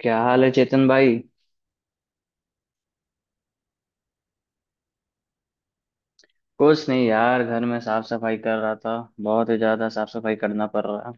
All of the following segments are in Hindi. क्या हाल है चेतन भाई। कुछ नहीं यार, घर में साफ सफाई कर रहा था। बहुत ही ज्यादा साफ सफाई करना पड़ रहा है।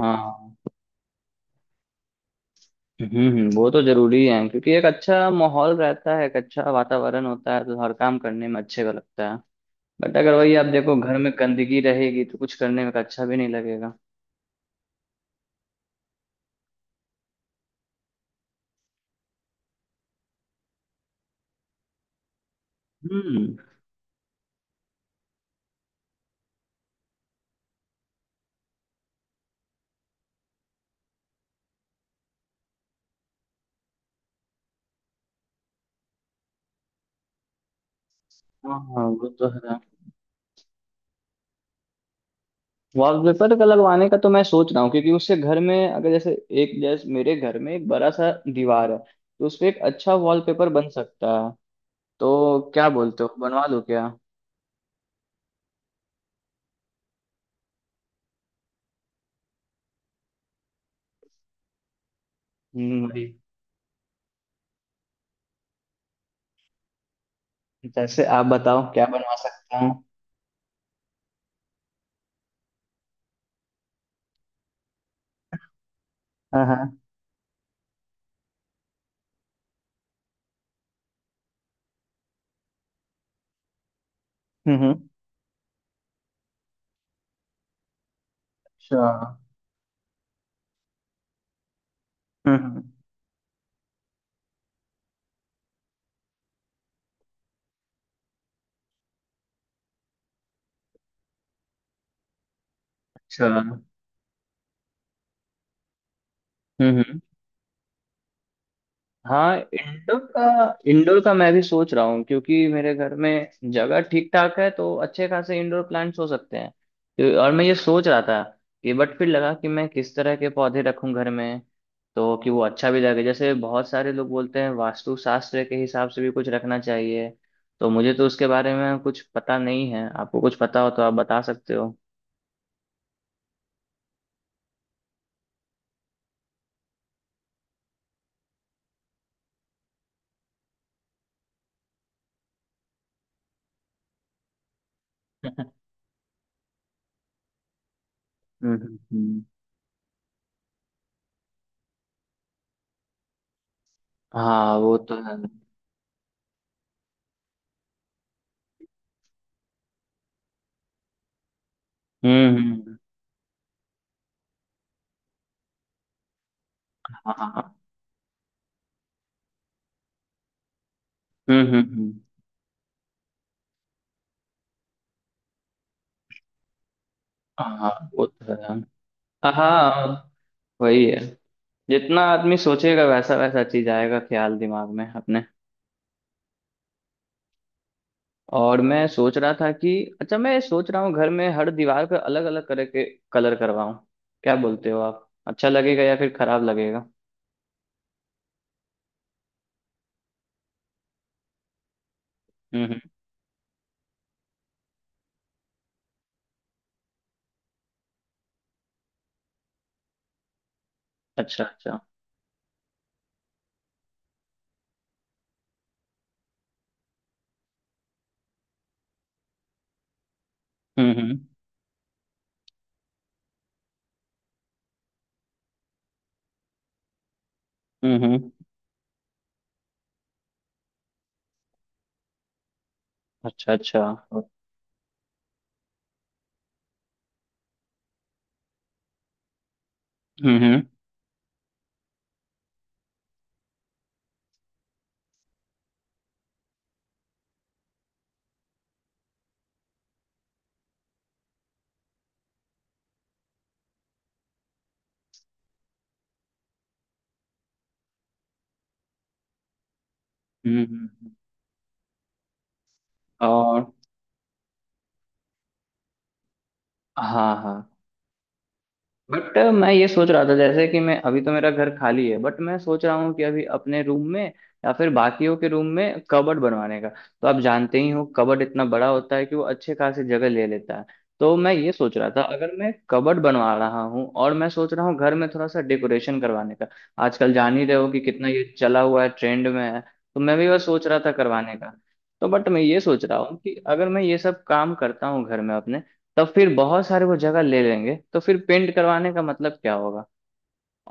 हाँ हाँ। वो तो जरूरी है क्योंकि एक अच्छा माहौल रहता है, एक अच्छा वातावरण होता है तो हर काम करने में अच्छे का लगता है। बट अगर वही आप देखो, घर में गंदगी रहेगी तो कुछ करने में अच्छा भी नहीं लगेगा। हम्म। हाँ हाँ, वो तो है। वॉलपेपर का लगवाने का तो मैं सोच रहा हूँ क्योंकि उससे घर में, अगर जैसे एक जैसे मेरे घर में एक बड़ा सा दीवार है तो उसपे एक अच्छा वॉलपेपर बन सकता है। तो क्या बोलते हो, बनवा दूं क्या? हम्म, वही। जैसे आप बताओ, क्या बनवा सकता हूँ? हाँ हाँ। हम्म हम्म। अच्छा। हम्म हम्म। अच्छा। हम्म। हाँ, इंडोर का। इंडोर का मैं भी सोच रहा हूँ क्योंकि मेरे घर में जगह ठीक ठाक है तो अच्छे खासे इंडोर प्लांट्स हो सकते हैं। और मैं ये सोच रहा था कि बट फिर लगा कि मैं किस तरह के पौधे रखूं घर में। तो कि वो अच्छा भी लगे, जैसे बहुत सारे लोग बोलते हैं वास्तु शास्त्र के हिसाब से भी कुछ रखना चाहिए। तो मुझे तो उसके बारे में कुछ पता नहीं है, आपको कुछ पता हो तो आप बता सकते हो। हम्म हम्म, हम्म। हाँ, वो तो है। हम्म। हाँ हाँ, हाँ। हम्म। हाँ, वो तो है। हाँ हाँ, वही है। जितना आदमी सोचेगा वैसा वैसा चीज आएगा, ख्याल दिमाग में अपने। और मैं सोच रहा था कि अच्छा, मैं सोच रहा हूँ घर में हर दीवार पर अलग अलग तरह के कलर करवाऊं। क्या बोलते हो आप, अच्छा लगेगा या फिर खराब लगेगा? हम्म हम्म, अच्छा अच्छा। हम्म हम्म हम्म हम्म, अच्छा अच्छा। हम्म हम्म हम्म, हम्म। और हाँ हाँ। बट मैं ये सोच रहा था जैसे कि मैं अभी तो मेरा घर खाली है, बट मैं सोच रहा हूँ कि अभी अपने रूम में या फिर बाकियों के रूम में कबर्ड बनवाने का। तो आप जानते ही हो, कबर्ड इतना बड़ा होता है कि वो अच्छे खासी जगह ले लेता है। तो मैं ये सोच रहा था, अगर मैं कबर्ड बनवा रहा हूँ और मैं सोच रहा हूँ घर में थोड़ा सा डेकोरेशन करवाने का। आजकल जान ही रहे हो कि कितना ये चला हुआ है, ट्रेंड में है, तो मैं भी बस सोच रहा था करवाने का। तो बट मैं ये सोच रहा हूँ कि अगर मैं ये सब काम करता हूँ घर में अपने, तब फिर बहुत सारे वो जगह ले लेंगे तो फिर पेंट करवाने का मतलब क्या होगा।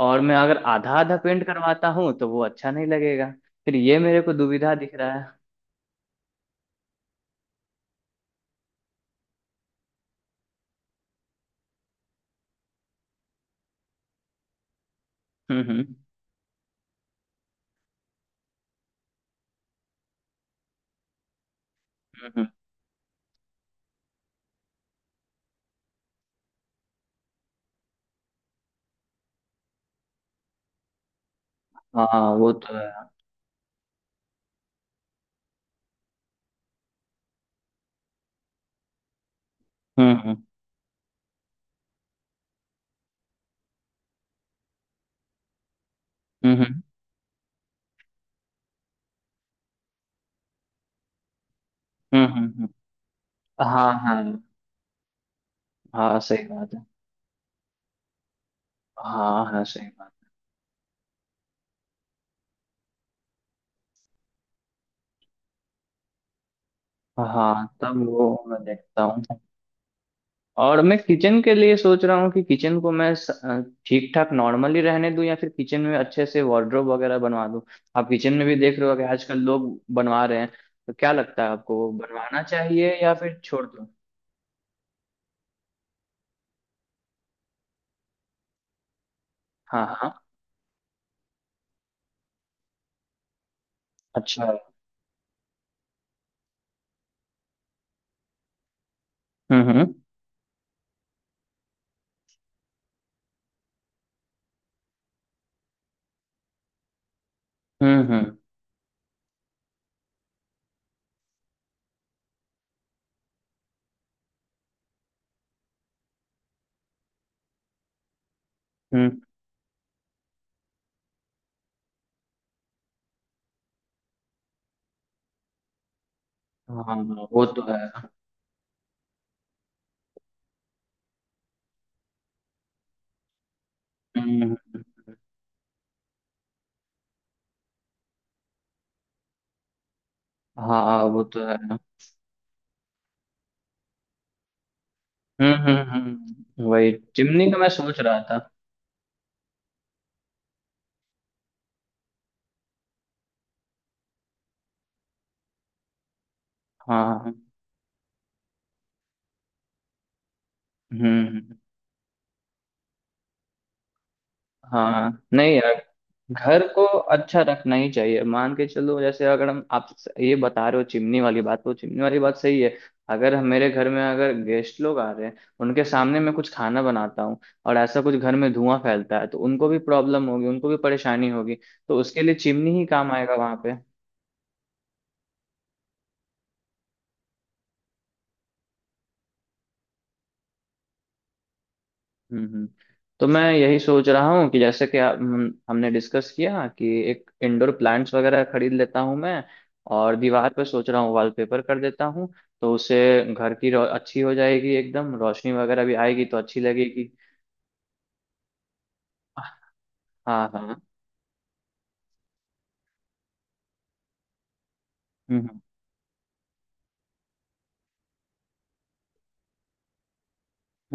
और मैं अगर आधा आधा पेंट करवाता हूँ तो वो अच्छा नहीं लगेगा। फिर ये मेरे को दुविधा दिख रहा है। हम्म हम्म हम्म, हम्म, हाँ वो तो है। हम्म हम्म हम्म हम्म हम्म, हम्म, हम्म। हाँ हाँ। हाँ, सही बात है। हाँ हाँ, सही बात। हाँ, तब वो मैं देखता हूँ। और मैं किचन के लिए सोच रहा हूँ कि किचन को मैं ठीक ठाक नॉर्मली रहने दूं या फिर किचन में अच्छे से वार्डरोब वगैरह बनवा दूं। आप किचन में भी देख रहे हो कि आजकल लोग बनवा रहे हैं, तो क्या लगता है आपको वो बनवाना चाहिए या फिर छोड़ दूं? हाँ हाँ। अच्छा। हम्म हम्म हम्म हम्म हम्म, हाँ वो तो है। हम्म हम्म, हम्म। हाँ, वो तो है। हम्म, वही चिमनी का मैं सोच रहा था। हाँ। हम्म हम्म, हाँ नहीं यार, घर को अच्छा रखना ही चाहिए। मान के चलो, जैसे अगर हम आप ये बता रहे हो चिमनी वाली बात, तो चिमनी वाली बात सही है। अगर हम मेरे घर में अगर गेस्ट लोग आ रहे हैं, उनके सामने मैं कुछ खाना बनाता हूँ और ऐसा कुछ घर में धुआं फैलता है, तो उनको भी प्रॉब्लम होगी, उनको भी परेशानी होगी। तो उसके लिए चिमनी ही काम आएगा वहां पे। हम्म हम्म। तो मैं यही सोच रहा हूँ कि जैसे कि हम हमने डिस्कस किया कि एक इंडोर प्लांट्स वगैरह खरीद लेता हूँ मैं, और दीवार पर सोच रहा हूँ वॉलपेपर कर देता हूँ। तो उससे घर की अच्छी हो जाएगी, एकदम रोशनी वगैरह भी आएगी तो अच्छी लगेगी। हाँ हाँ। हम्म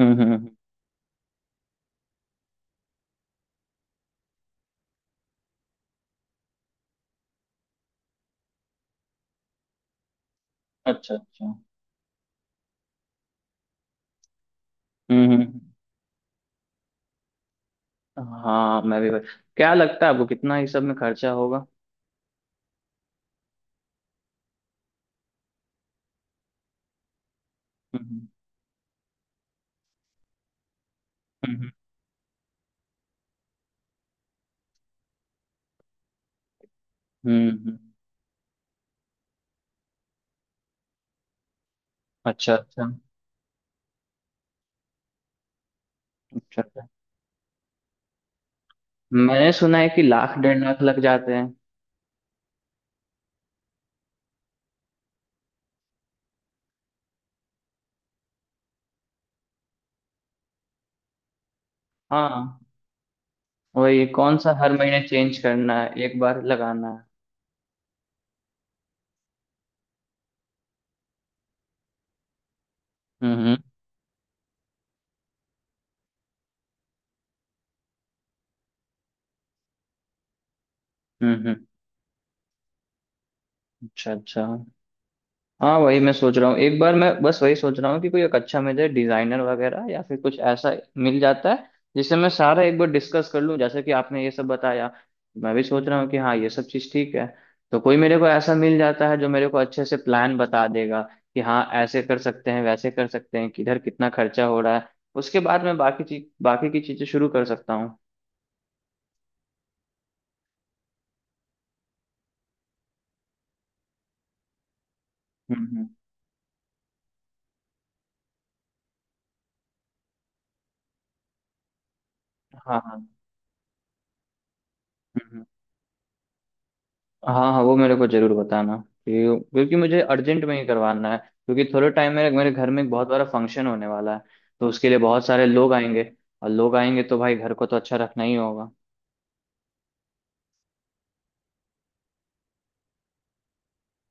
हम्म हम्म हम्म। अच्छा अच्छा। हम्म हम्म। हाँ मैं भी। क्या लगता है आपको कितना इस सब में खर्चा होगा? हम्म हम्म हम्म हम्म। अच्छा अच्छा। अच्छा अच्छा। मैंने सुना है कि 1 लाख, 1.5 लाख लग जाते हैं। हाँ, वही, कौन सा हर महीने चेंज करना है, एक बार लगाना है। हम्म हम्म हम्म हम्म। अच्छा अच्छा। हाँ, वही मैं सोच रहा हूँ। एक बार मैं बस वही सोच रहा हूँ कि कोई एक अच्छा मुझे डिजाइनर वगैरह या फिर कुछ ऐसा मिल जाता है जिससे मैं सारा एक बार डिस्कस कर लूँ, जैसे कि आपने ये सब बताया। मैं भी सोच रहा हूँ कि हाँ, ये सब चीज़ ठीक है। तो कोई मेरे को ऐसा मिल जाता है जो मेरे को अच्छे से प्लान बता देगा कि हाँ, ऐसे कर सकते हैं, वैसे कर सकते हैं, किधर कितना खर्चा हो रहा है। उसके बाद मैं बाकी की चीज़ें शुरू कर सकता हूँ। हम्म हम्म। हाँ हाँ। हम्म, हाँ हाँ वो मेरे को जरूर बताना क्योंकि मुझे अर्जेंट में ही करवाना है, क्योंकि थोड़े टाइम में मेरे घर में एक बहुत बड़ा फंक्शन होने वाला है। तो उसके लिए बहुत सारे लोग आएंगे, और लोग आएंगे तो भाई, घर को तो अच्छा रखना ही होगा।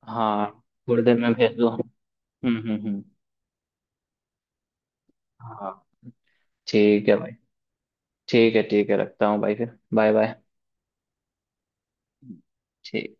हाँ, थोड़ी देर में भेज दो। हम्म। हाँ। ठीक है भाई। ठीक है, ठीक है, रखता हूँ भाई, फिर बाय बाय। ठीक।